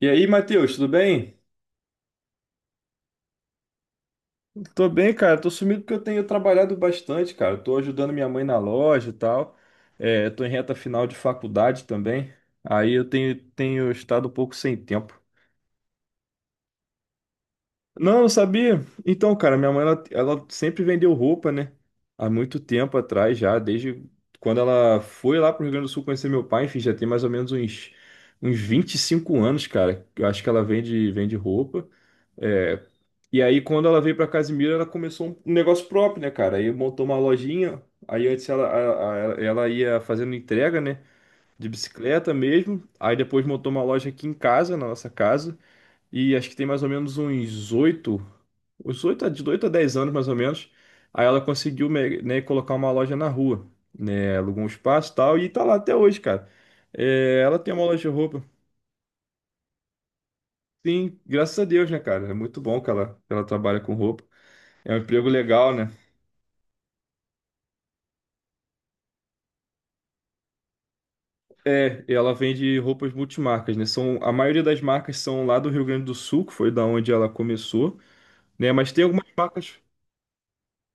E aí, Matheus, tudo bem? Tô bem, cara. Tô sumido porque eu tenho trabalhado bastante, cara. Tô ajudando minha mãe na loja e tal. É, tô em reta final de faculdade também. Aí eu tenho estado um pouco sem tempo. Não, não sabia? Então, cara, minha mãe, ela sempre vendeu roupa, né? Há muito tempo atrás já, desde quando ela foi lá pro Rio Grande do Sul conhecer meu pai, enfim, já tem mais ou menos uns 25 anos, cara. Eu acho que ela vende roupa. É, e aí, quando ela veio pra Casimiro, ela começou um negócio próprio, né, cara? Aí montou uma lojinha. Aí antes ela, ela ia fazendo entrega, né? De bicicleta mesmo. Aí depois montou uma loja aqui em casa, na nossa casa. E acho que tem mais ou menos de 8 a 10 anos mais ou menos. Aí ela conseguiu, né, colocar uma loja na rua, né? Alugou um espaço e tal. E tá lá até hoje, cara. É, ela tem uma loja de roupa. Sim, graças a Deus, né, cara? É muito bom que ela trabalha com roupa. É um emprego legal, né? É, ela vende roupas multimarcas, né? São, a maioria das marcas são lá do Rio Grande do Sul, que foi da onde ela começou, né? Mas tem algumas marcas.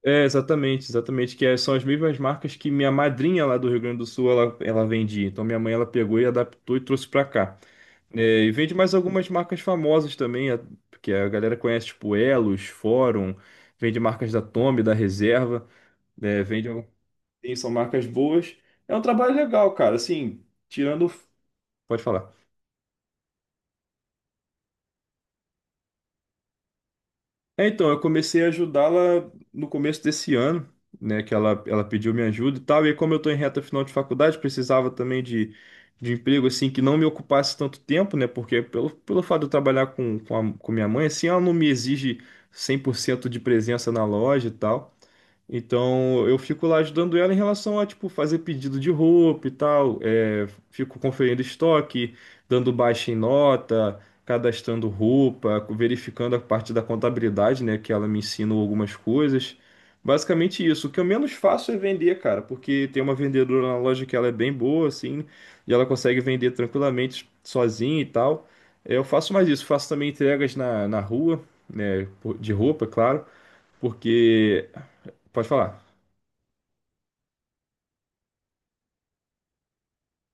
É, exatamente, exatamente, que são as mesmas marcas que minha madrinha lá do Rio Grande do Sul, ela vendia. Então minha mãe, ela pegou e adaptou e trouxe pra cá. É, e vende mais algumas marcas famosas também, que a galera conhece, tipo Elos, Fórum, vende marcas da Tommy, da Reserva, né? Vende, são marcas boas. É um trabalho legal, cara, assim, tirando... Pode falar. É, então, eu comecei a ajudá-la no começo desse ano, né? Que ela pediu minha ajuda e tal. E aí, como eu estou em reta final de faculdade, precisava também de emprego, assim, que não me ocupasse tanto tempo, né? Porque pelo fato de eu trabalhar com minha mãe, assim, ela não me exige 100% de presença na loja e tal. Então eu fico lá ajudando ela em relação a tipo fazer pedido de roupa e tal, é, fico conferindo estoque, dando baixa em nota, cadastrando roupa, verificando a parte da contabilidade, né, que ela me ensina algumas coisas. Basicamente isso. O que eu menos faço é vender, cara, porque tem uma vendedora na loja que ela é bem boa, assim, e ela consegue vender tranquilamente sozinha e tal. É, eu faço mais isso, faço também entregas na rua, né, de roupa, é claro, porque pode falar.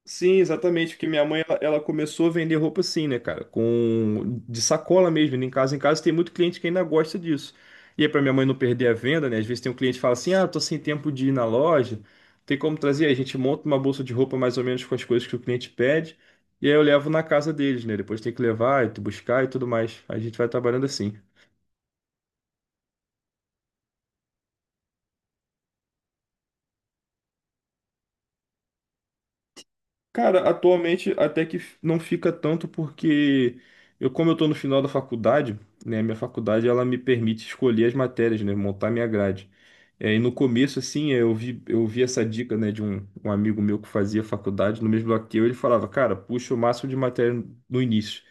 Sim, exatamente, porque minha mãe ela começou a vender roupa assim, né, cara, com de sacola mesmo, indo em casa tem muito cliente que ainda gosta disso. E aí para minha mãe não perder a venda, né, às vezes tem um cliente que fala assim: "Ah, tô sem tempo de ir na loja, tem como trazer?" Aí a gente monta uma bolsa de roupa mais ou menos com as coisas que o cliente pede, e aí eu levo na casa deles, né? Depois tem que levar e tu buscar e tudo mais. A gente vai trabalhando assim. Cara, atualmente até que não fica tanto porque como eu tô no final da faculdade, né, minha faculdade ela me permite escolher as matérias, né, montar minha grade. É, e no começo, assim, é, eu vi essa dica, né, de um amigo meu que fazia faculdade, no mesmo bloco que eu, ele falava, cara, puxa o máximo de matéria no início.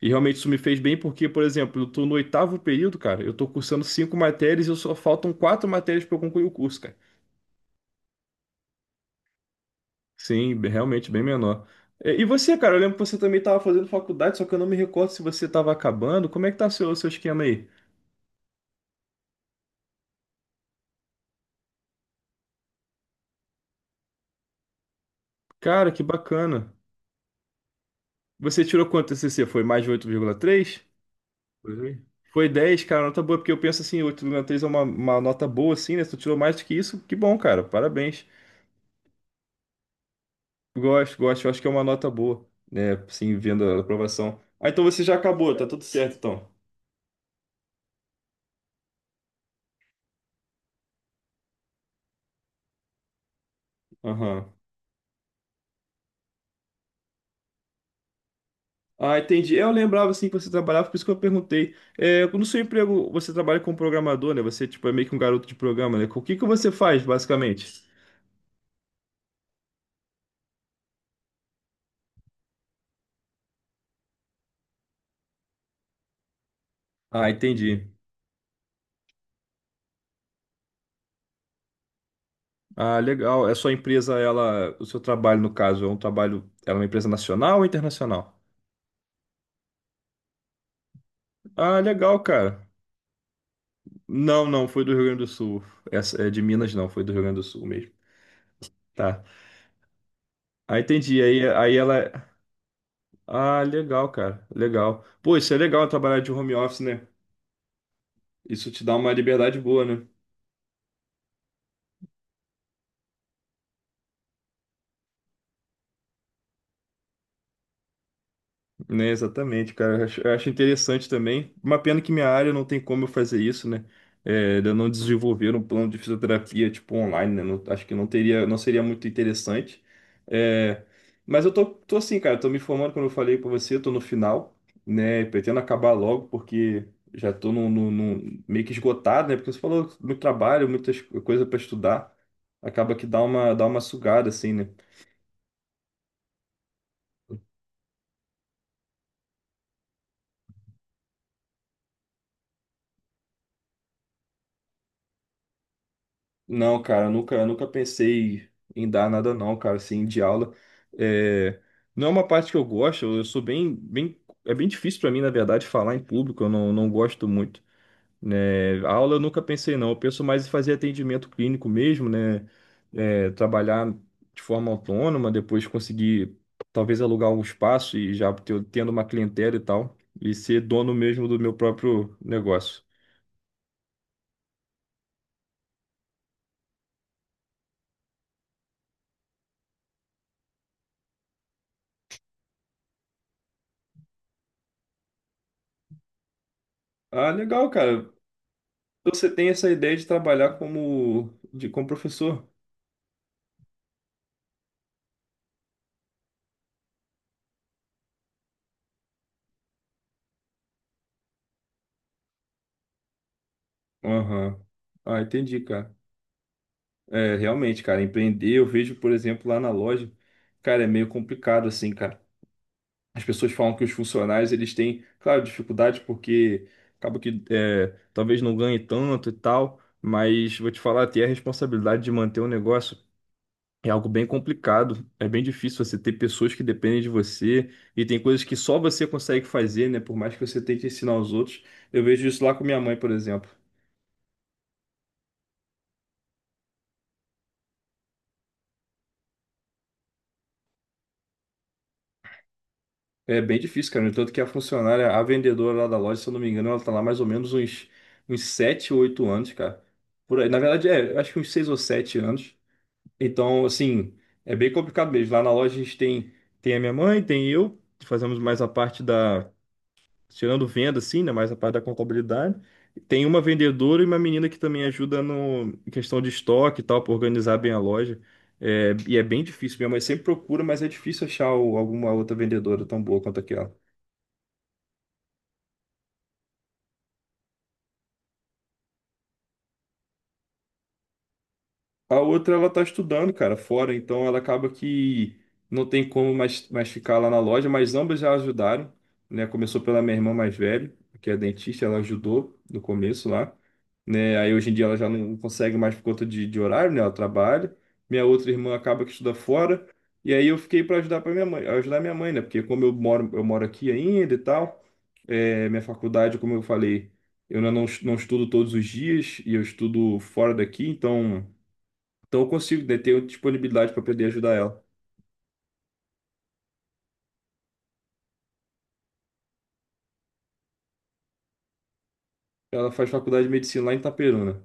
E realmente isso me fez bem porque, por exemplo, eu tô no oitavo período, cara, eu tô cursando cinco matérias e eu só faltam quatro matérias para eu concluir o curso, cara. Sim, realmente bem menor. E você, cara, eu lembro que você também estava fazendo faculdade, só que eu não me recordo se você estava acabando. Como é que tá seu, o seu esquema aí? Cara, que bacana. Você tirou quanto TCC? Foi mais de 8,3? Por aí. Foi 10 cara, nota boa, porque eu penso assim, oito vírgula três é uma nota boa, assim, né? Se tu tirou mais do que isso, que bom, cara, parabéns. Gosto, gosto, eu acho que é uma nota boa, né? Sim vendo a aprovação. Ah, então você já acabou, tá tudo certo, então. Aham. Ah, entendi. Eu lembrava assim que você trabalhava, por isso que eu perguntei. É, no seu emprego, você trabalha como programador, né? Você tipo, é meio que um garoto de programa, né? O que que você faz, basicamente? Ah, entendi. Ah, legal. É sua empresa, ela, o seu trabalho, no caso, é um trabalho, ela é uma empresa nacional ou internacional? Ah, legal, cara. Não, não, foi do Rio Grande do Sul. Essa é de Minas, não, foi do Rio Grande do Sul mesmo. Tá. Ah, entendi. Aí, aí ela. É, ah, legal, cara. Legal. Pô, isso é legal trabalhar de home office, né? Isso te dá uma liberdade boa, né? Né, exatamente, cara. Eu acho interessante também. Uma pena que minha área não tem como eu fazer isso, né? É, de eu não desenvolver um plano de fisioterapia tipo online, né? Acho que não teria, não seria muito interessante. É, mas eu tô assim, cara. Eu tô me formando, como eu falei pra você, eu tô no final, né? Pretendo acabar logo, porque já tô num meio que esgotado, né? Porque você falou muito trabalho, muitas coisas pra estudar. Acaba que dá uma sugada, assim, né? Não, cara, eu nunca pensei em dar nada não, cara, assim, de aula. É, não é uma parte que eu gosto, eu sou bem, bem, é bem difícil pra mim, na verdade, falar em público, eu não gosto muito, né? Aula eu nunca pensei não, eu penso mais em fazer atendimento clínico mesmo, né? É, trabalhar de forma autônoma, depois conseguir talvez alugar um espaço e já tendo uma clientela e tal, e ser dono mesmo do meu próprio negócio. Ah, legal, cara. Você tem essa ideia de trabalhar como, de, como professor? Aham. Ah, entendi, cara. É, realmente, cara, empreender, eu vejo, por exemplo, lá na loja, cara, é meio complicado, assim, cara. As pessoas falam que os funcionários, eles têm, claro, dificuldade porque acaba que é, talvez não ganhe tanto e tal, mas vou te falar, ter a responsabilidade de manter o negócio, é algo bem complicado, é bem difícil você ter pessoas que dependem de você e tem coisas que só você consegue fazer, né? Por mais que você tente ensinar aos outros. Eu vejo isso lá com minha mãe, por exemplo. É bem difícil, cara. No entanto que a funcionária, a vendedora lá da loja, se eu não me engano, ela tá lá mais ou menos uns sete, ou 8 anos, cara. Por aí. Na verdade, é, eu acho que uns 6 ou 7 anos. Então, assim, é bem complicado mesmo. Lá na loja a gente tem a minha mãe, tem eu, fazemos mais a parte da tirando venda, assim, né? Mais a parte da contabilidade. Tem uma vendedora e uma menina que também ajuda no em questão de estoque e tal, para organizar bem a loja. É, e é bem difícil. Minha mãe sempre procura, mas é difícil achar alguma outra vendedora tão boa quanto aquela. A outra, ela tá estudando, cara, fora, então ela acaba que não tem como mais ficar lá na loja, mas ambas já ajudaram, né? Começou pela minha irmã mais velha, que é dentista, ela ajudou no começo lá, né? Aí hoje em dia ela já não consegue mais por conta de horário, né? Ela trabalha. Minha outra irmã acaba que estuda fora, e aí eu fiquei para ajudar para minha mãe, ajudar minha mãe, né? Porque como eu moro aqui ainda e tal, é, minha faculdade, como eu falei, eu não estudo todos os dias e eu estudo fora daqui, então. Então eu consigo, né, ter disponibilidade para poder ajudar ela. Ela faz faculdade de medicina lá em Itaperuna.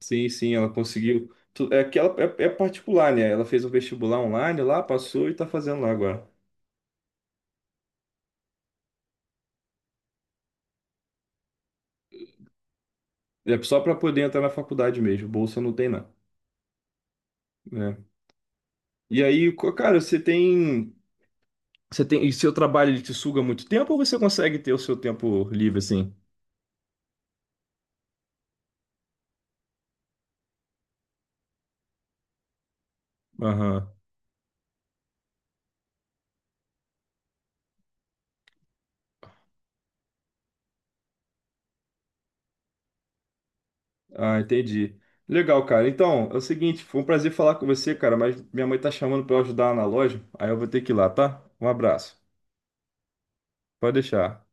Sim, sim, ela conseguiu. É que ela é, é particular, né? Ela fez um vestibular online lá, passou e tá fazendo lá agora. É só para poder entrar na faculdade mesmo. Bolsa não tem não, né? E aí, cara, e seu trabalho ele te suga muito tempo ou você consegue ter o seu tempo livre assim? Aham. Ah, entendi. Legal, cara. Então, é o seguinte, foi um prazer falar com você, cara, mas minha mãe tá chamando pra eu ajudar ela na loja, aí eu vou ter que ir lá, tá? Um abraço. Pode deixar.